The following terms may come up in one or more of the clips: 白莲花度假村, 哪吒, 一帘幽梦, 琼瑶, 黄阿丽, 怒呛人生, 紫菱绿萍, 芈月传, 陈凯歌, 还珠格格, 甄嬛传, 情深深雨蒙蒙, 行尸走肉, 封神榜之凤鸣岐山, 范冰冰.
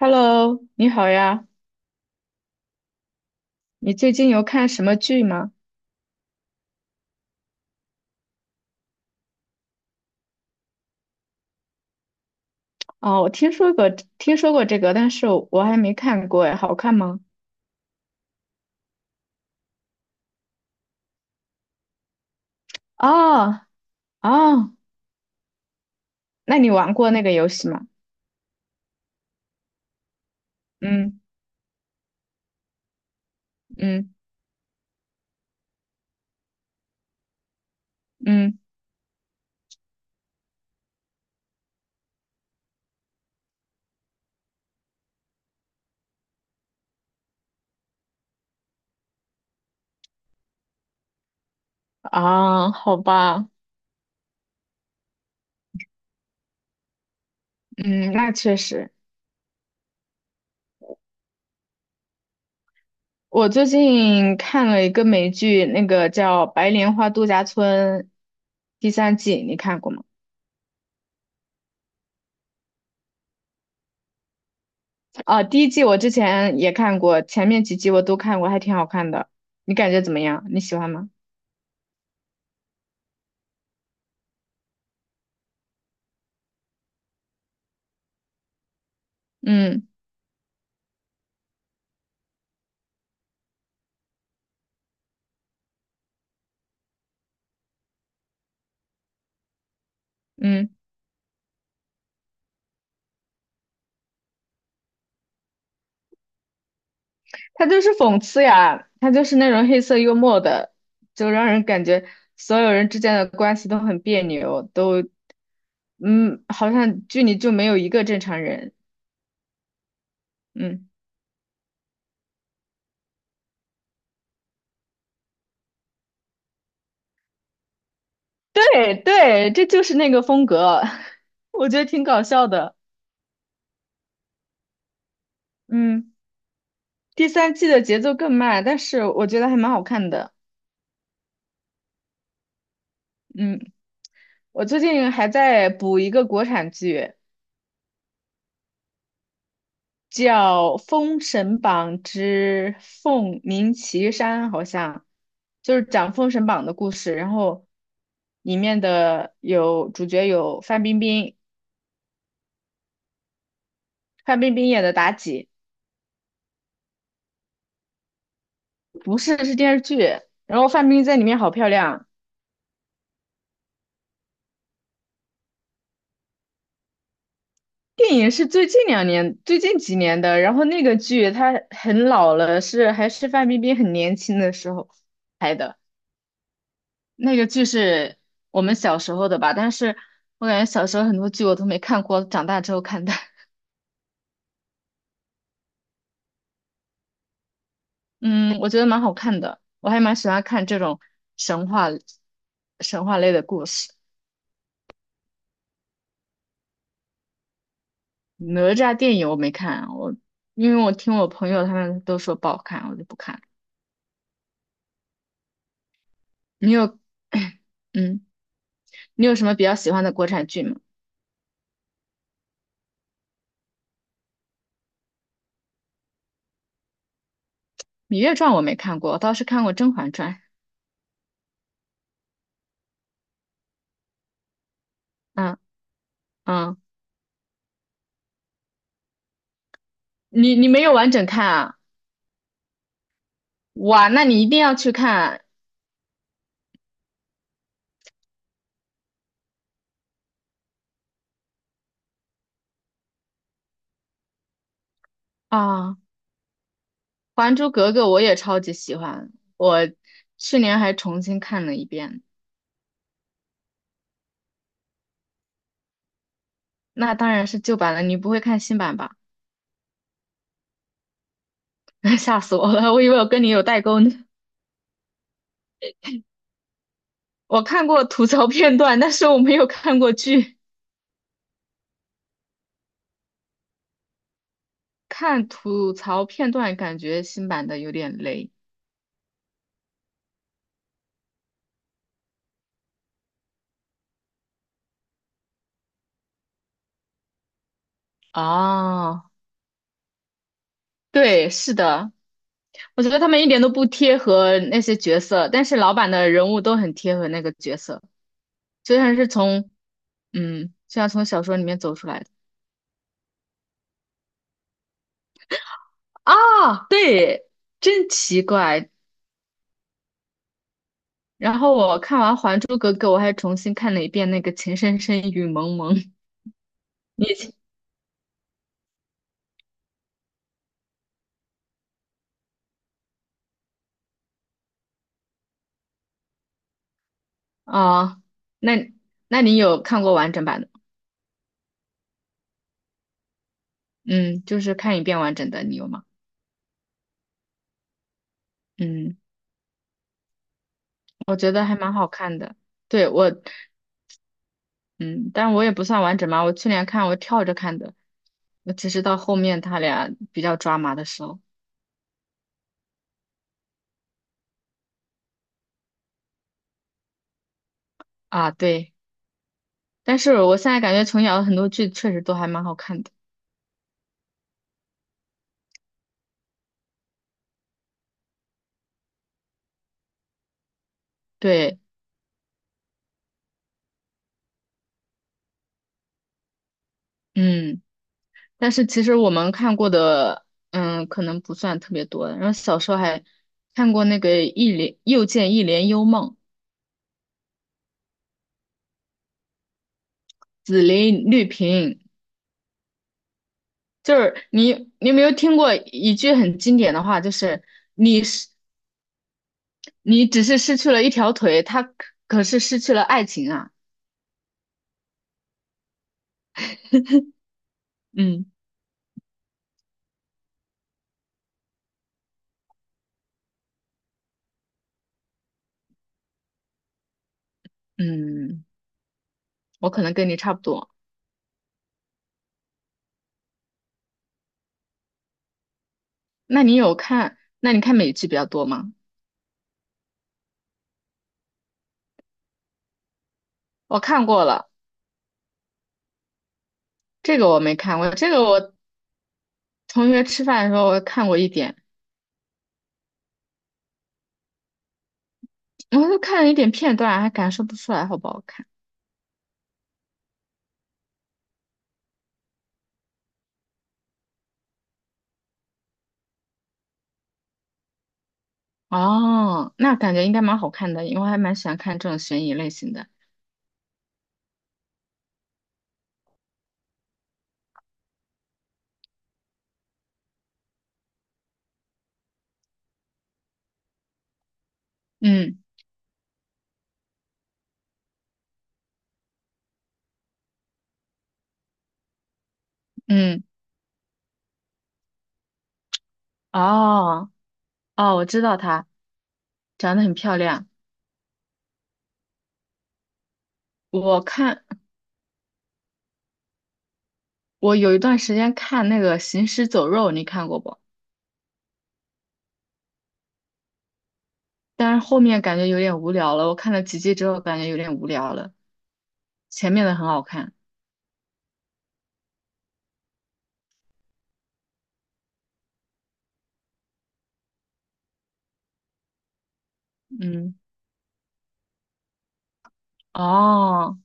Hello，你好呀，你最近有看什么剧吗？哦，我听说过这个，但是我还没看过哎，好看吗？哦哦，那你玩过那个游戏吗？嗯嗯嗯，啊，好吧，嗯，那确实，我最近看了一个美剧，那个叫《白莲花度假村》第三季，你看过吗？啊，第一季我之前也看过，前面几集我都看过，还挺好看的。你感觉怎么样？你喜欢吗？嗯。嗯，他就是讽刺呀，他就是那种黑色幽默的，就让人感觉所有人之间的关系都很别扭，好像剧里就没有一个正常人。嗯，对对，这就是那个风格，我觉得挺搞笑的。嗯，第三季的节奏更慢，但是我觉得还蛮好看的。嗯，我最近还在补一个国产剧。叫《封神榜之凤鸣岐山》，好像就是讲封神榜的故事。然后里面的有主角有范冰冰，范冰冰演的妲己，不是，是电视剧。然后范冰冰在里面好漂亮。电影是最近2年、最近几年的，然后那个剧它很老了，是还是范冰冰很年轻的时候拍的。那个剧是我们小时候的吧，但是我感觉小时候很多剧我都没看过，长大之后看的。嗯，我觉得蛮好看的，我还蛮喜欢看这种神话、神话类的故事。哪吒电影我没看，因为我听我朋友他们都说不好看，我就不看了。你有，嗯，你有什么比较喜欢的国产剧吗？《芈月传》我没看过，我倒是看过《甄嬛传》。嗯嗯，你没有完整看啊？哇，那你一定要去看啊！《还珠格格》我也超级喜欢，我去年还重新看了一遍。那当然是旧版了，你不会看新版吧？吓死我了，我以为我跟你有代沟呢。我看过吐槽片段，但是我没有看过剧。看吐槽片段，感觉新版的有点雷。哦，对，是的，我觉得他们一点都不贴合那些角色，但是老版的人物都很贴合那个角色，就像是从，就像从小说里面走出来的。啊，对，真奇怪。然后我看完《还珠格格》，我还重新看了一遍那个《情深深雨蒙蒙》。你啊，那那你有看过完整版的吗？嗯，就是看一遍完整的，你有吗？嗯，我觉得还蛮好看的。对，但我也不算完整嘛，我去年看我跳着看的，我只是到后面他俩比较抓马的时候啊，对。但是我现在感觉琼瑶的很多剧确实都还蛮好看的。对，嗯。但是其实我们看过的，可能不算特别多。然后小时候还看过那个一帘又见一帘幽梦，紫菱绿萍，就是你有没有听过一句很经典的话，就是你是你只是失去了一条腿，他可是失去了爱情啊。嗯嗯，我可能跟你差不多。那你看美剧比较多吗？我看过了，这个我没看过，这个我同学吃饭的时候我看过一点。我就看了一点片段，还感受不出来好不好看。哦，那感觉应该蛮好看的，因为我还蛮喜欢看这种悬疑类型的。嗯嗯，哦哦，我知道她长得很漂亮。我看我有一段时间看那个《行尸走肉》，你看过不？但是后面感觉有点无聊了，我看了几集之后感觉有点无聊了，前面的很好看。嗯，哦，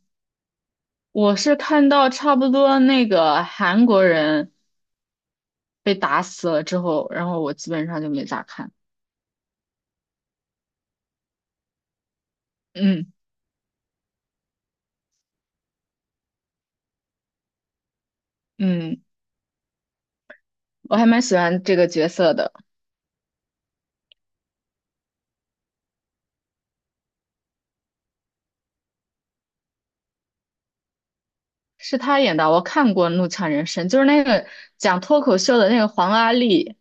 我是看到差不多那个韩国人被打死了之后，然后我基本上就没咋看。嗯嗯，我还蛮喜欢这个角色的，是他演的。我看过《怒呛人生》，就是那个讲脱口秀的那个黄阿丽，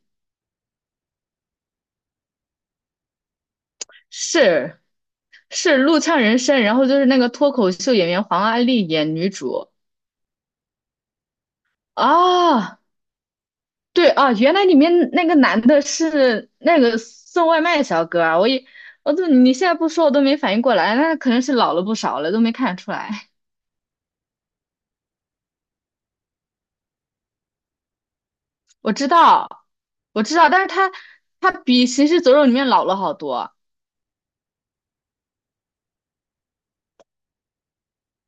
是是《怒呛人生》，然后就是那个脱口秀演员黄阿丽演女主啊，对啊，原来里面那个男的是那个送外卖小哥啊，我也我都你现在不说我都没反应过来，那可能是老了不少了，都没看出来。我知道，我知道，但是他比《行尸走肉》里面老了好多。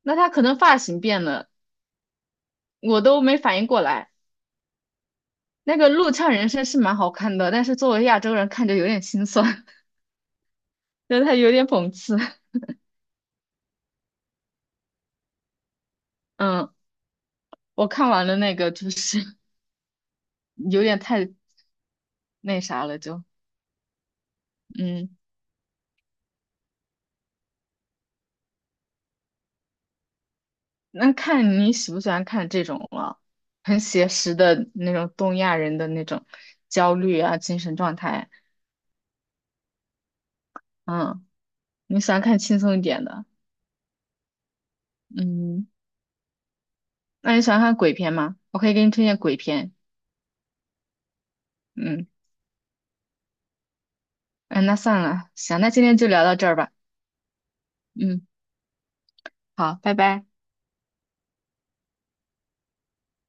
那他可能发型变了，我都没反应过来。那个陆唱人生是蛮好看的，但是作为亚洲人看着有点心酸，觉得他有点讽刺。嗯，我看完了那个就是有点太那啥了，嗯，那看你喜不喜欢看这种了，很写实的那种东亚人的那种焦虑啊，精神状态。嗯，你喜欢看轻松一点的，嗯，那你喜欢看鬼片吗？我可以给你推荐鬼片，嗯。嗯，那算了，行，那今天就聊到这儿吧。嗯，好，拜拜。